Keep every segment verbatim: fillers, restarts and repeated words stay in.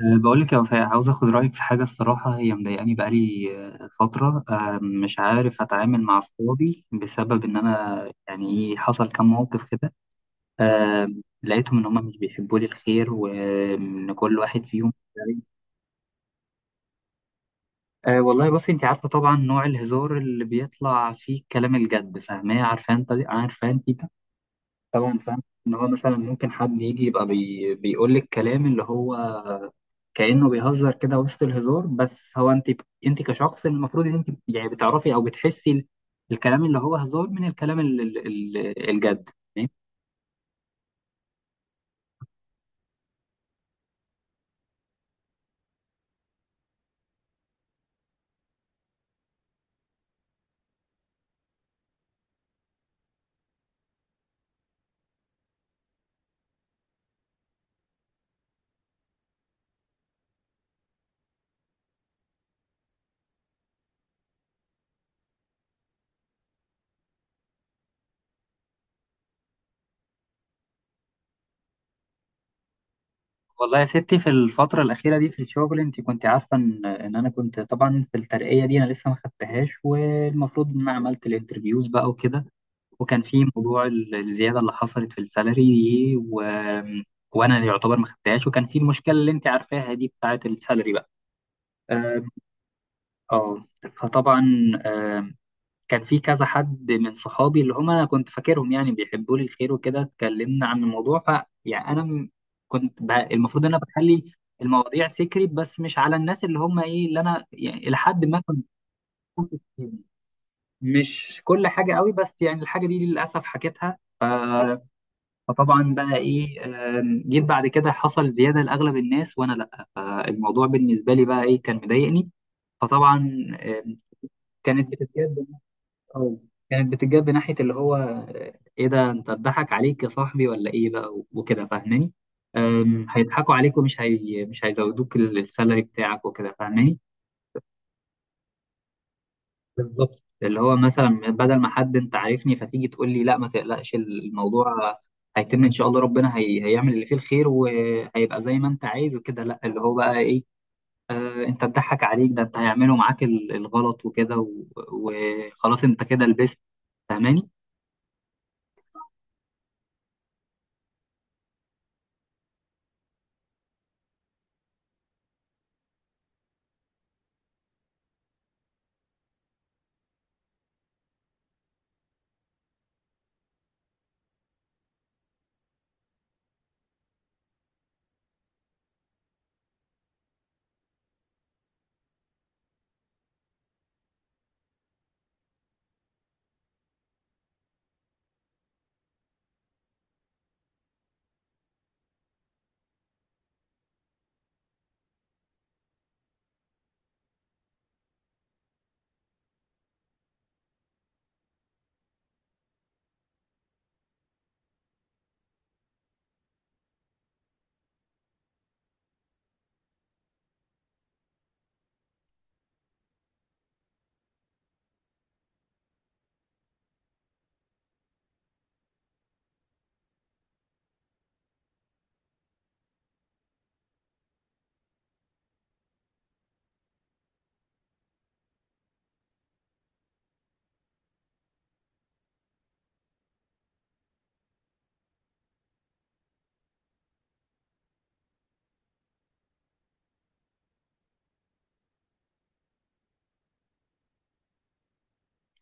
أه، بقول لك يا وفاء، عاوز اخد رايك في حاجه، الصراحه هي مضايقاني بقالي أه، فتره. أه، مش عارف اتعامل مع اصحابي بسبب ان انا يعني إيه، حصل كام موقف كده. أه، لقيتهم ان هم مش بيحبوا لي الخير، وان كل واحد فيهم يعني، أه والله بصي، انت عارفه طبعا نوع الهزار اللي بيطلع فيه كلام الجد، فاهماه، عارفه انت عارفه انت. طبعا فاهم ان هو مثلا ممكن حد يجي يبقى بي... بيقول لك كلام اللي هو كأنه بيهزر كده وسط الهزار، بس هو انت انت كشخص المفروض ان انت يعني بتعرفي او بتحسي ال- الكلام اللي هو هزار من الكلام ال- ال- ال- الجد، تمام؟ والله يا ستي، في الفترة الأخيرة دي في الشغل، انت كنت عارفة ان ان انا كنت طبعا في الترقية دي، انا لسه ما خدتهاش، والمفروض ان انا عملت الانترفيوز بقى وكده. وكان في موضوع ال- الزيادة اللي حصلت في السالري دي و... وانا يعتبر ما خدتهاش، وكان في المشكلة اللي انت عارفاها دي بتاعة السالري بقى. اه، آه. فطبعا آه، كان في كذا حد من صحابي اللي هم انا كنت فاكرهم يعني بيحبوا لي الخير وكده، اتكلمنا عن الموضوع، ف يعني انا م- كنت ب... المفروض ان انا بخلي المواضيع سيكريت، بس مش على الناس اللي هم ايه، اللي انا يعني الى حد ما كنت واثق فيهم. مش كل حاجه قوي، بس يعني الحاجه دي للاسف حكيتها، ف... فطبعا بقى ايه، آم، جيت بعد كده، حصل زياده لاغلب الناس وانا لا، فالموضوع بالنسبه لي بقى ايه، كان مضايقني. فطبعا آم، كانت بتتجاب اه كانت بتتجاب ناحية اللي هو، آه، ايه ده؟ انت اتضحك عليك يا صاحبي ولا ايه بقى؟ و- وكده، فاهماني؟ أم، هيضحكوا عليك، ومش هي... مش هيزودوك ال- السالري بتاعك وكده، فاهماني؟ بالظبط، اللي هو مثلا بدل ما حد انت عارفني فتيجي تقول لي لا ما تقلقش، الموضوع هيتم ان شاء الله، ربنا هي... هيعمل اللي فيه الخير، وهيبقى زي ما انت عايز وكده. لا، اللي هو بقى ايه، آه انت اتضحك عليك، ده انت هيعملوا معاك ال- الغلط وكده و- وخلاص، انت كده لبست، فاهماني؟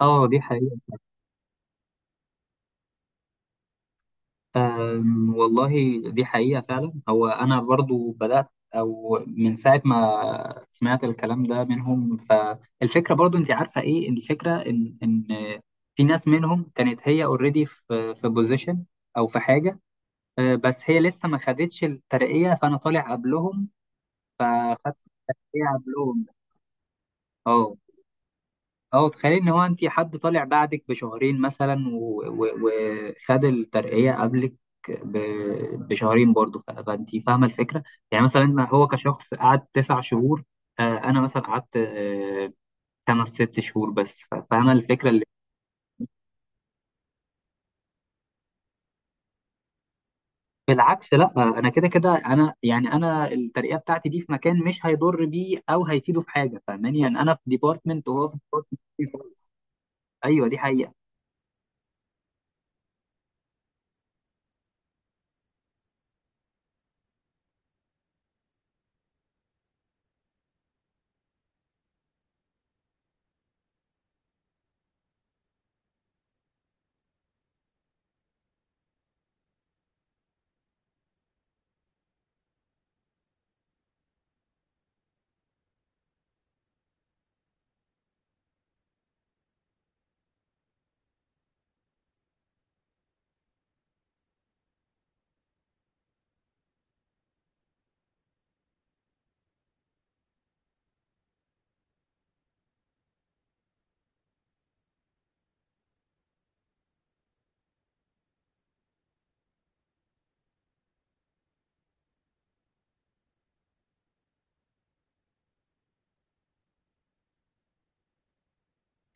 اه، دي حقيقة. أم، والله، دي حقيقة فعلا. هو أنا برضو بدأت، أو من ساعة ما سمعت الكلام ده منهم، فالفكرة برضو، أنت عارفة إيه الفكرة، إن إن في ناس منهم كانت هي أوريدي في في بوزيشن أو في حاجة. أه، بس هي لسه ما خدتش الترقية، فأنا طالع قبلهم، فخدت الترقية قبلهم. أه. اه، تخيل ان هو انت حد طالع بعدك بشهرين مثلا، و- و- وخد الترقية قبلك ب- بشهرين برضه، ف- فانت فاهمة الفكرة. يعني مثلا هو كشخص قعد تسع شهور، آه، انا مثلا قعدت آه، خمس ست شهور بس، ف- فاهمة الفكرة اللي. بالعكس لا، انا كده كده، انا يعني انا الترقية بتاعتي دي في مكان مش هيضر بيه او هيفيده في حاجة، فاهماني؟ يعني انا في ديبارتمنت، وهو في ديبارتمنت. ايوه، دي حقيقة.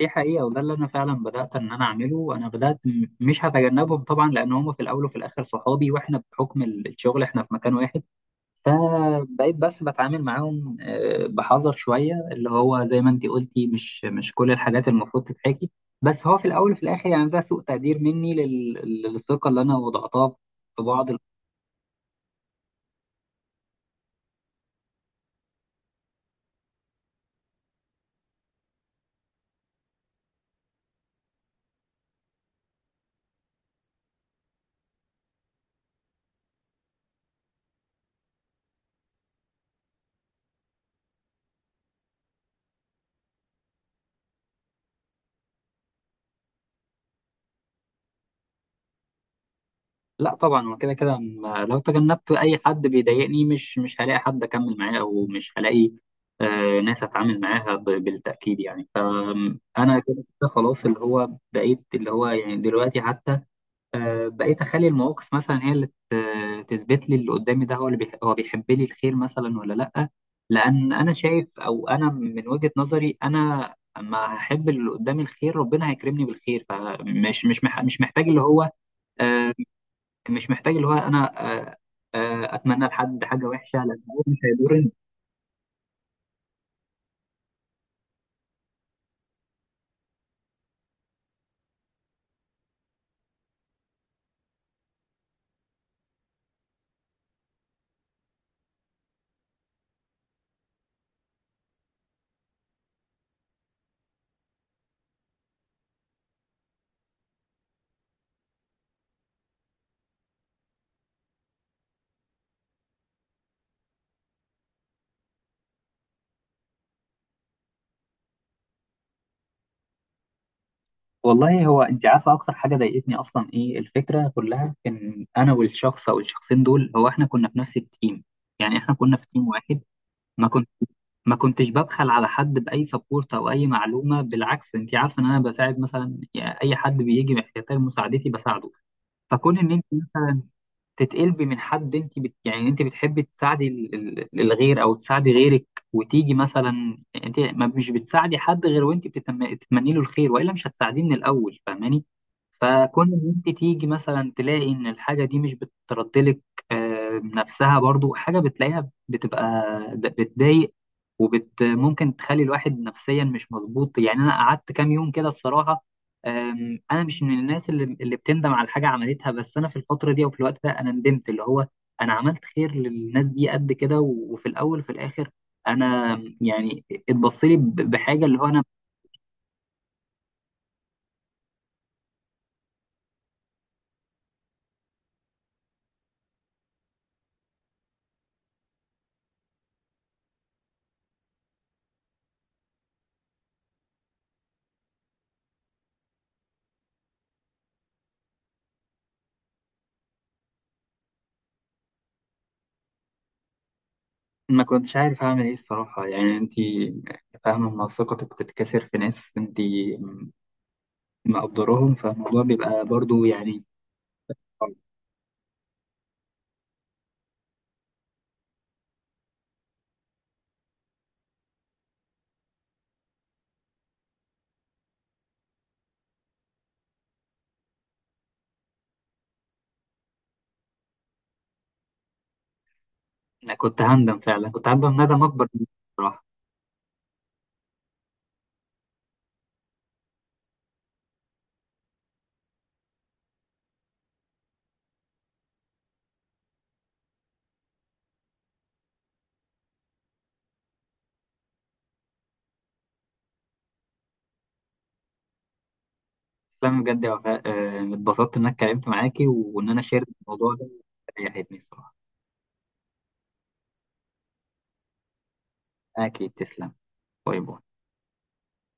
دي حقيقة، وده اللي أنا فعلا بدأت إن أنا أعمله. أنا بدأت م- مش هتجنبهم طبعا، لأن هم في الأول وفي الآخر صحابي، وإحنا بحكم ال- الشغل إحنا في مكان واحد. فبقيت بس بتعامل معاهم آه، بحذر شوية، اللي هو زي ما أنت قلتي، مش مش كل الحاجات المفروض تتحكي. بس هو في الأول وفي الآخر يعني ده سوء تقدير مني لل- للثقة اللي أنا وضعتها في بعض. لا طبعا، هو كده كده، م- لو تجنبت اي حد بيضايقني مش مش هلاقي حد اكمل معاه، او مش هلاقي آه، ناس اتعامل معاها ب- بالتاكيد. يعني فانا كده كده خلاص، اللي هو بقيت اللي هو يعني دلوقتي حتى آه، بقيت اخلي المواقف مثلا هي اللي ت- تثبت لي اللي قدامي، ده هو اللي بيح- هو بيحب لي الخير مثلا، ولا لا؟ لان انا شايف، او انا من وجهة نظري، انا اما هحب اللي قدامي الخير ربنا هيكرمني بالخير، فمش مش مح- مش محتاج اللي هو، آه، مش محتاج اللي هو انا آه، آه، اتمنى لحد حاجه وحشه، لان هو مش هيضرني. والله، هو انت عارفه اكتر حاجه ضايقتني اصلا ايه؟ الفكره كلها ان انا والشخص او الشخصين دول، هو احنا كنا في نفس التيم، يعني احنا كنا في تيم واحد. ما كنت ما كنتش ببخل على حد باي سبورت او اي معلومه، بالعكس انت عارفه ان انا بساعد مثلا، يعني اي حد بيجي محتاج مساعدتي بساعده. فكون ان انت مثلا تتقلبي من حد، انت بت... يعني انت بتحبي تساعدي ال- ال- الغير او تساعدي غيرك، وتيجي مثلا انت ما مش بتساعدي حد غير وانت بتتم... بتتمني له الخير، والا مش هتساعديه من الاول، فاهماني؟ فكون ان انت تيجي مثلا تلاقي ان الحاجه دي مش بتردلك آه، نفسها برضو، حاجه بتلاقيها بتبقى ب- بتضايق، وبت ممكن تخلي الواحد نفسيا مش مظبوط. يعني انا قعدت كام يوم كده الصراحه. أم، انا مش من الناس اللي اللي بتندم على حاجه عملتها، بس انا في الفتره دي او في الوقت ده انا ندمت، اللي هو انا عملت خير للناس دي قد كده، و- وفي الاول وفي الاخر انا يعني اتبص لي ب- بحاجه، اللي هو انا ما كنتش عارف اعمل ايه الصراحه. يعني انت فاهمه لما ثقتك بتتكسر في ناس انت مقدراهم، فالموضوع بيبقى برضو يعني، أنا كنت هندم فعلا، كنت هندم ندم اكبر من- تسلمي بجد يا وفاء، آه، اتبسطت ان انا اتكلمت معاكي وان انا شاركت الموضوع ده، ريحتني الصراحه. اكيد، تسلم، باي باي.